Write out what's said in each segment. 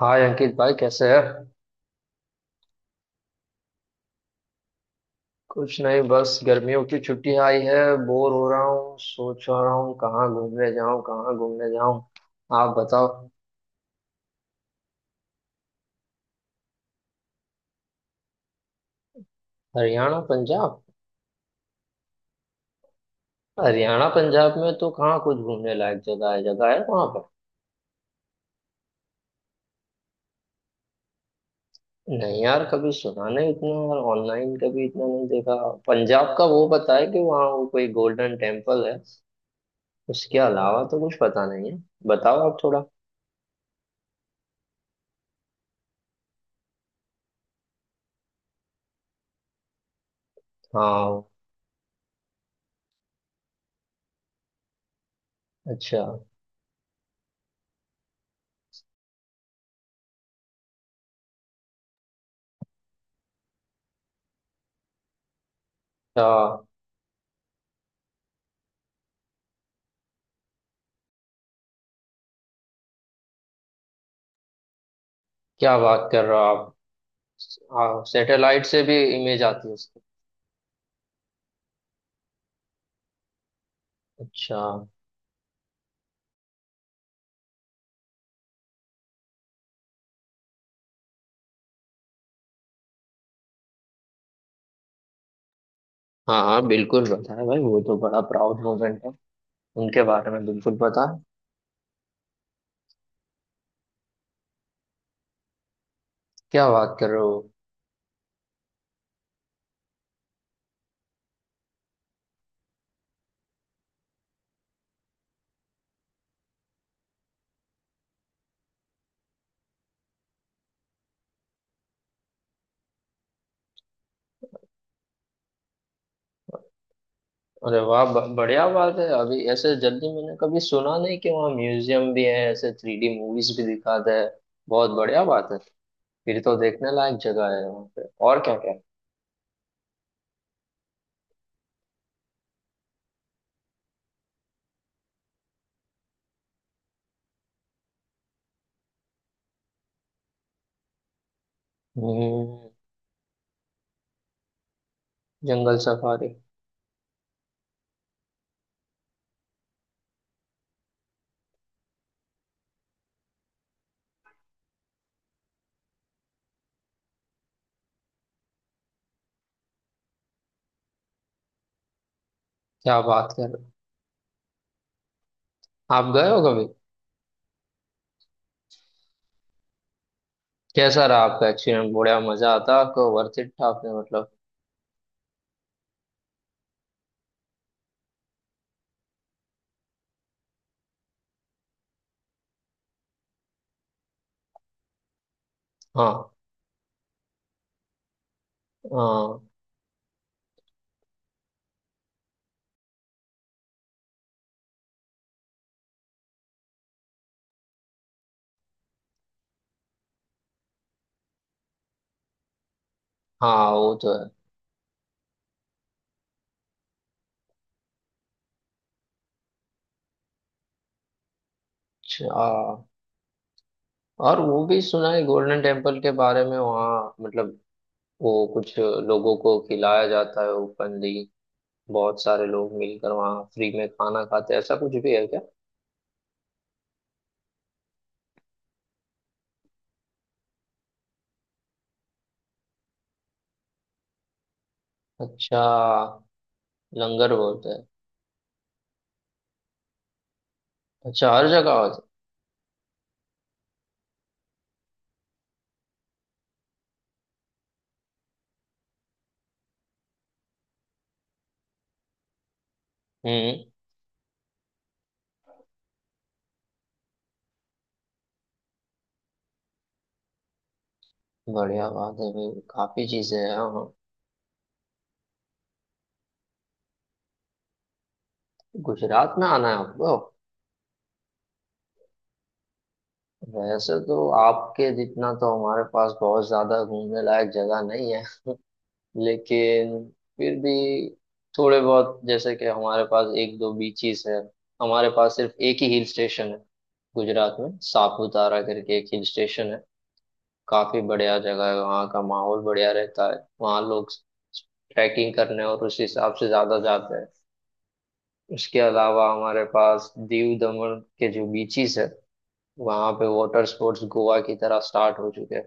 हाय अंकित भाई, कैसे है। कुछ नहीं, बस गर्मियों की छुट्टी आई है। बोर हो रहा हूँ, सोच रहा हूँ कहाँ घूमने जाऊँ कहाँ घूमने जाऊँ। आप बताओ। हरियाणा पंजाब। हरियाणा पंजाब में तो कहाँ कुछ घूमने लायक जगह है वहाँ पर। नहीं यार, कभी सुना नहीं इतना और ऑनलाइन कभी इतना नहीं देखा। पंजाब का वो पता है कि वहाँ वो कोई गोल्डन टेम्पल है। उसके अलावा तो कुछ पता नहीं है। बताओ आप थोड़ा। हाँ। अच्छा। क्या। क्या बात कर रहे हो आप। हाँ सैटेलाइट से भी इमेज आती है उसकी। अच्छा। हाँ हाँ बिल्कुल पता है भाई, वो तो बड़ा प्राउड मोमेंट है। उनके बारे में बिल्कुल पता है। क्या बात कर रहे हो। अरे वाह, बढ़िया बात है। अभी ऐसे जल्दी मैंने कभी सुना नहीं कि वहाँ म्यूजियम भी है, ऐसे थ्री डी मूवीज भी दिखाते हैं। बहुत बढ़िया बात है। फिर तो देखने लायक जगह है वहाँ पे और क्या क्या है? हम्म। जंगल सफारी। क्या बात कर रहे हो, आप गए हो कभी। कैसा रहा आपका एक्सपीरियंस, बढ़िया मजा आता है आपको, वर्थ इट था आपने मतलब। हाँ। हाँ हाँ, वो तो है। अच्छा हाँ। और वो भी सुना है गोल्डन टेम्पल के बारे में, वहाँ मतलब वो कुछ लोगों को खिलाया जाता है उपनदी, बहुत सारे लोग मिलकर वहाँ फ्री में खाना खाते हैं, ऐसा कुछ भी है क्या। अच्छा, लंगर बोलते हैं। अच्छा, हर जगह होता है। हम्म। बढ़िया बात है भाई, काफी चीजें हैं। हाँ, गुजरात में आना है आपको। वैसे तो आपके जितना तो हमारे पास बहुत ज्यादा घूमने लायक जगह नहीं है, लेकिन फिर भी थोड़े बहुत, जैसे कि हमारे पास एक दो बीचेस है, हमारे पास सिर्फ एक ही हिल स्टेशन है। गुजरात में सापुतारा करके एक हिल स्टेशन है, काफी बढ़िया जगह है, वहाँ का माहौल बढ़िया रहता है, वहाँ लोग ट्रैकिंग करने और उस हिसाब से ज्यादा जाते हैं। उसके अलावा हमारे पास दीव दमन के जो बीचेस है, वहाँ पे वाटर स्पोर्ट्स गोवा की तरह स्टार्ट हो चुके हैं।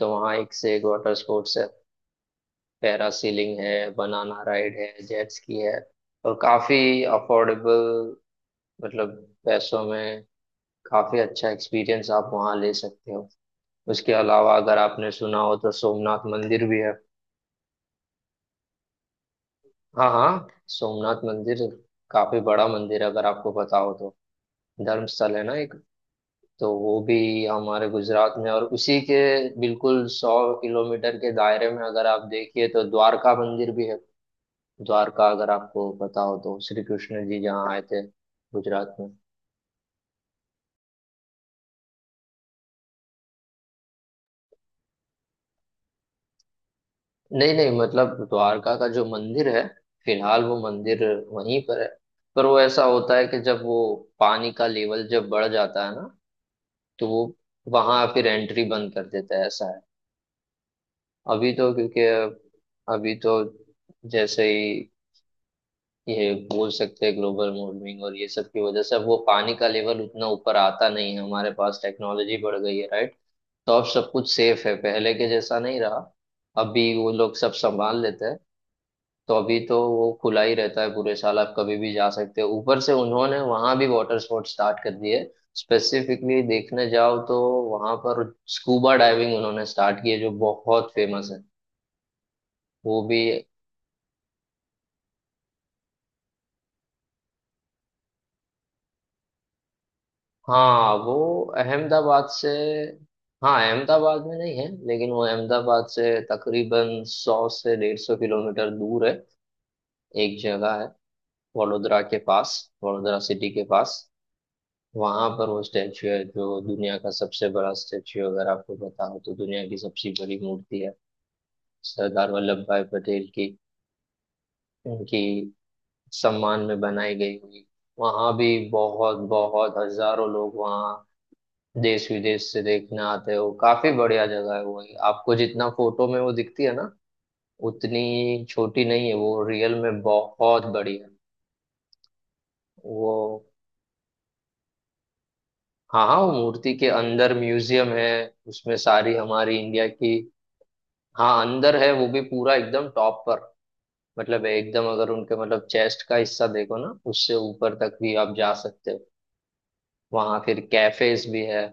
तो वहाँ एक से एक वाटर स्पोर्ट्स है, पैरासीलिंग है, बनाना राइड है, जेट स्की है, और काफी अफोर्डेबल, मतलब पैसों में काफी अच्छा एक्सपीरियंस आप वहाँ ले सकते हो। उसके अलावा अगर आपने सुना हो तो सोमनाथ मंदिर भी है। हाँ हाँ, सोमनाथ मंदिर काफी बड़ा मंदिर है, अगर आपको पता हो तो धर्मस्थल है ना एक, तो वो भी हमारे गुजरात में। और उसी के बिल्कुल 100 किलोमीटर के दायरे में अगर आप देखिए तो द्वारका मंदिर भी है। द्वारका, अगर आपको पता हो तो श्री कृष्ण जी जहाँ आए थे गुजरात में। नहीं नहीं, मतलब द्वारका का जो मंदिर है फिलहाल, वो मंदिर वहीं पर है। पर वो ऐसा होता है कि जब वो पानी का लेवल जब बढ़ जाता है ना, तो वो वहां फिर एंट्री बंद कर देता है, ऐसा है। अभी तो क्योंकि अभी तो जैसे ही, ये बोल सकते हैं ग्लोबल वार्मिंग और ये सब की वजह से, अब वो पानी का लेवल उतना ऊपर आता नहीं है, हमारे पास टेक्नोलॉजी बढ़ गई है राइट, तो अब सब कुछ सेफ है, पहले के जैसा नहीं रहा। अभी वो लोग सब संभाल लेते हैं। तो अभी तो वो खुला ही रहता है पूरे साल, आप कभी भी जा सकते हो। ऊपर से उन्होंने वहां भी वाटर स्पोर्ट स्टार्ट कर दिए। स्पेसिफिकली देखने जाओ तो वहां पर स्कूबा डाइविंग उन्होंने स्टार्ट की है जो बहुत फेमस है। वो भी। हाँ, वो अहमदाबाद से। हाँ, अहमदाबाद में नहीं है लेकिन वो अहमदाबाद से तकरीबन 100 से 150 किलोमीटर दूर है। एक जगह है वडोदरा के पास, वडोदरा सिटी के पास, वहां पर वो स्टैचू है जो दुनिया का सबसे बड़ा स्टैचू, अगर आपको पता हो तो दुनिया की सबसे बड़ी मूर्ति है, सरदार वल्लभ भाई पटेल की। उनकी सम्मान में बनाई गई हुई। वहां भी बहुत बहुत हजारों लोग वहाँ देश विदेश से देखने आते हैं। वो काफी बढ़िया जगह है वो। आपको जितना फोटो में वो दिखती है ना, उतनी छोटी नहीं है, वो रियल में बहुत बड़ी है। वो, हाँ हाँ, वो मूर्ति के अंदर म्यूजियम है, उसमें सारी हमारी इंडिया की। हाँ, अंदर है। वो भी पूरा एकदम टॉप पर, मतलब एकदम अगर उनके मतलब चेस्ट का हिस्सा देखो ना, उससे ऊपर तक भी आप जा सकते हो। वहाँ फिर कैफेज भी है।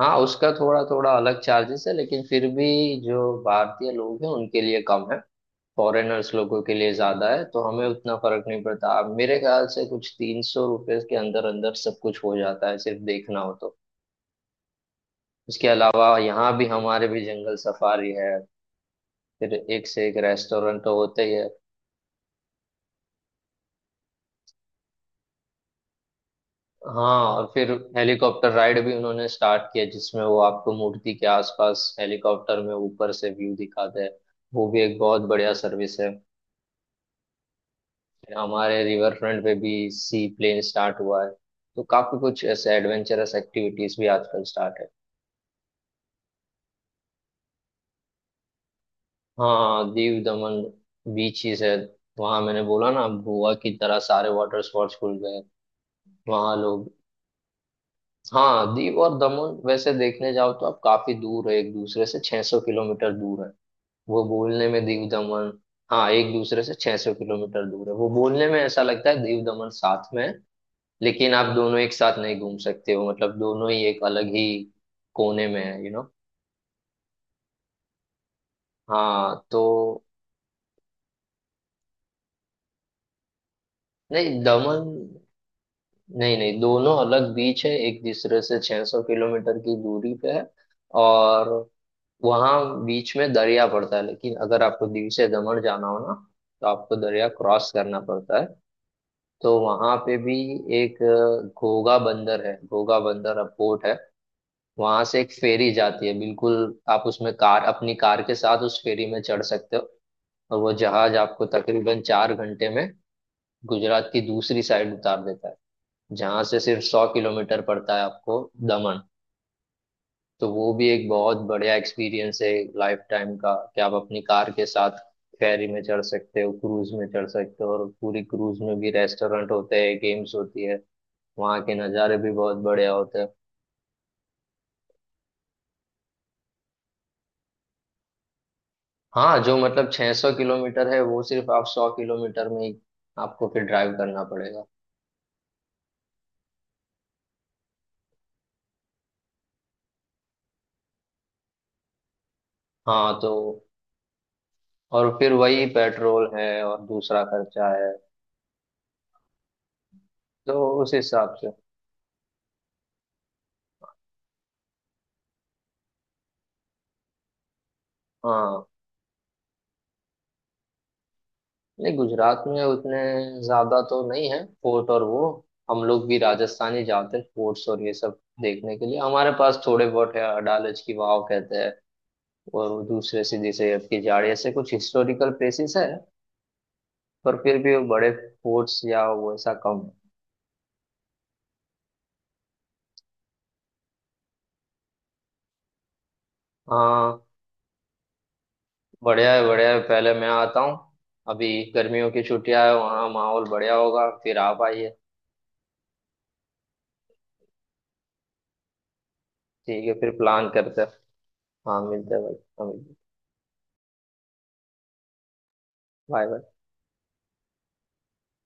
हाँ, उसका थोड़ा थोड़ा अलग चार्जेस है, लेकिन फिर भी जो भारतीय लोग हैं उनके लिए कम है, फॉरेनर्स लोगों के लिए ज्यादा है, तो हमें उतना फर्क नहीं पड़ता। अब मेरे ख्याल से कुछ 300 रुपये के अंदर अंदर सब कुछ हो जाता है सिर्फ देखना हो तो। उसके अलावा यहाँ भी हमारे भी जंगल सफारी है, फिर एक से एक रेस्टोरेंट तो होते ही है। हाँ और फिर हेलीकॉप्टर राइड भी उन्होंने स्टार्ट किया, जिसमें वो आपको मूर्ति के आसपास हेलीकॉप्टर में ऊपर से व्यू दिखाते हैं। वो भी एक बहुत बढ़िया सर्विस है। फिर हमारे रिवर फ्रंट पे भी सी प्लेन स्टार्ट हुआ है, तो काफी कुछ ऐसे एडवेंचरस एक्टिविटीज भी आजकल स्टार्ट है। हाँ दीव दमन, बीचेस है। वहां मैंने बोला ना, गोवा की तरह सारे वाटर स्पोर्ट्स खुल गए। वहां लोग। हाँ, दीव और दमन वैसे देखने जाओ तो आप काफी दूर है, एक दूसरे से 600 किलोमीटर दूर है, वो बोलने में दीव दमन। हाँ, एक दूसरे से 600 किलोमीटर दूर है, वो बोलने में ऐसा लगता है दीव दमन साथ में है, लेकिन आप दोनों एक साथ नहीं घूम सकते हो, मतलब दोनों ही एक अलग ही कोने में है यू नो। हाँ तो, नहीं दमन नहीं नहीं, दोनों अलग बीच है, एक दूसरे से 600 किलोमीटर की दूरी पे है। और वहां बीच में दरिया पड़ता है, लेकिन अगर आपको दीव से दमन जाना हो ना, तो आपको दरिया क्रॉस करना पड़ता है। तो वहां पे भी एक घोगा बंदर है, घोगा बंदर पोर्ट है। वहां से एक फेरी जाती है बिल्कुल, आप उसमें कार अपनी कार के साथ उस फेरी में चढ़ सकते हो। और वो जहाज आपको तकरीबन 4 घंटे में गुजरात की दूसरी साइड उतार देता है, जहां से सिर्फ 100 किलोमीटर पड़ता है आपको दमन। तो वो भी एक बहुत बढ़िया एक्सपीरियंस है लाइफ टाइम का, कि आप अपनी कार के साथ फेरी में चढ़ सकते हो, क्रूज में चढ़ सकते हो। और पूरी क्रूज में भी रेस्टोरेंट होते हैं, गेम्स होती है, वहाँ के नज़ारे भी बहुत बढ़िया होते हैं। हाँ, जो मतलब 600 किलोमीटर है वो सिर्फ आप 100 किलोमीटर में ही आपको फिर ड्राइव करना पड़ेगा। हाँ तो, और फिर वही पेट्रोल है और दूसरा खर्चा है, तो उस हिसाब से। हाँ, नहीं गुजरात में उतने ज्यादा तो नहीं है फोर्ट और वो, हम लोग भी राजस्थान ही जाते हैं फोर्ट्स और ये सब देखने के लिए। हमारे पास थोड़े बहुत है, अडालज की वाव कहते हैं, और वो दूसरे से जैसे आपकी जाड़ी, ऐसे कुछ हिस्टोरिकल प्लेसेस है, पर फिर भी वो बड़े फोर्ट्स या वो ऐसा कम है। हाँ, बढ़िया है बढ़िया है। पहले मैं आता हूँ। अभी गर्मियों की छुट्टियां है, वहाँ माहौल बढ़िया होगा, फिर आप आइए। ठीक है, फिर प्लान करते हैं। हाँ, मिलते हैं भाई। हाँ, मिलते हैं। Bye bye.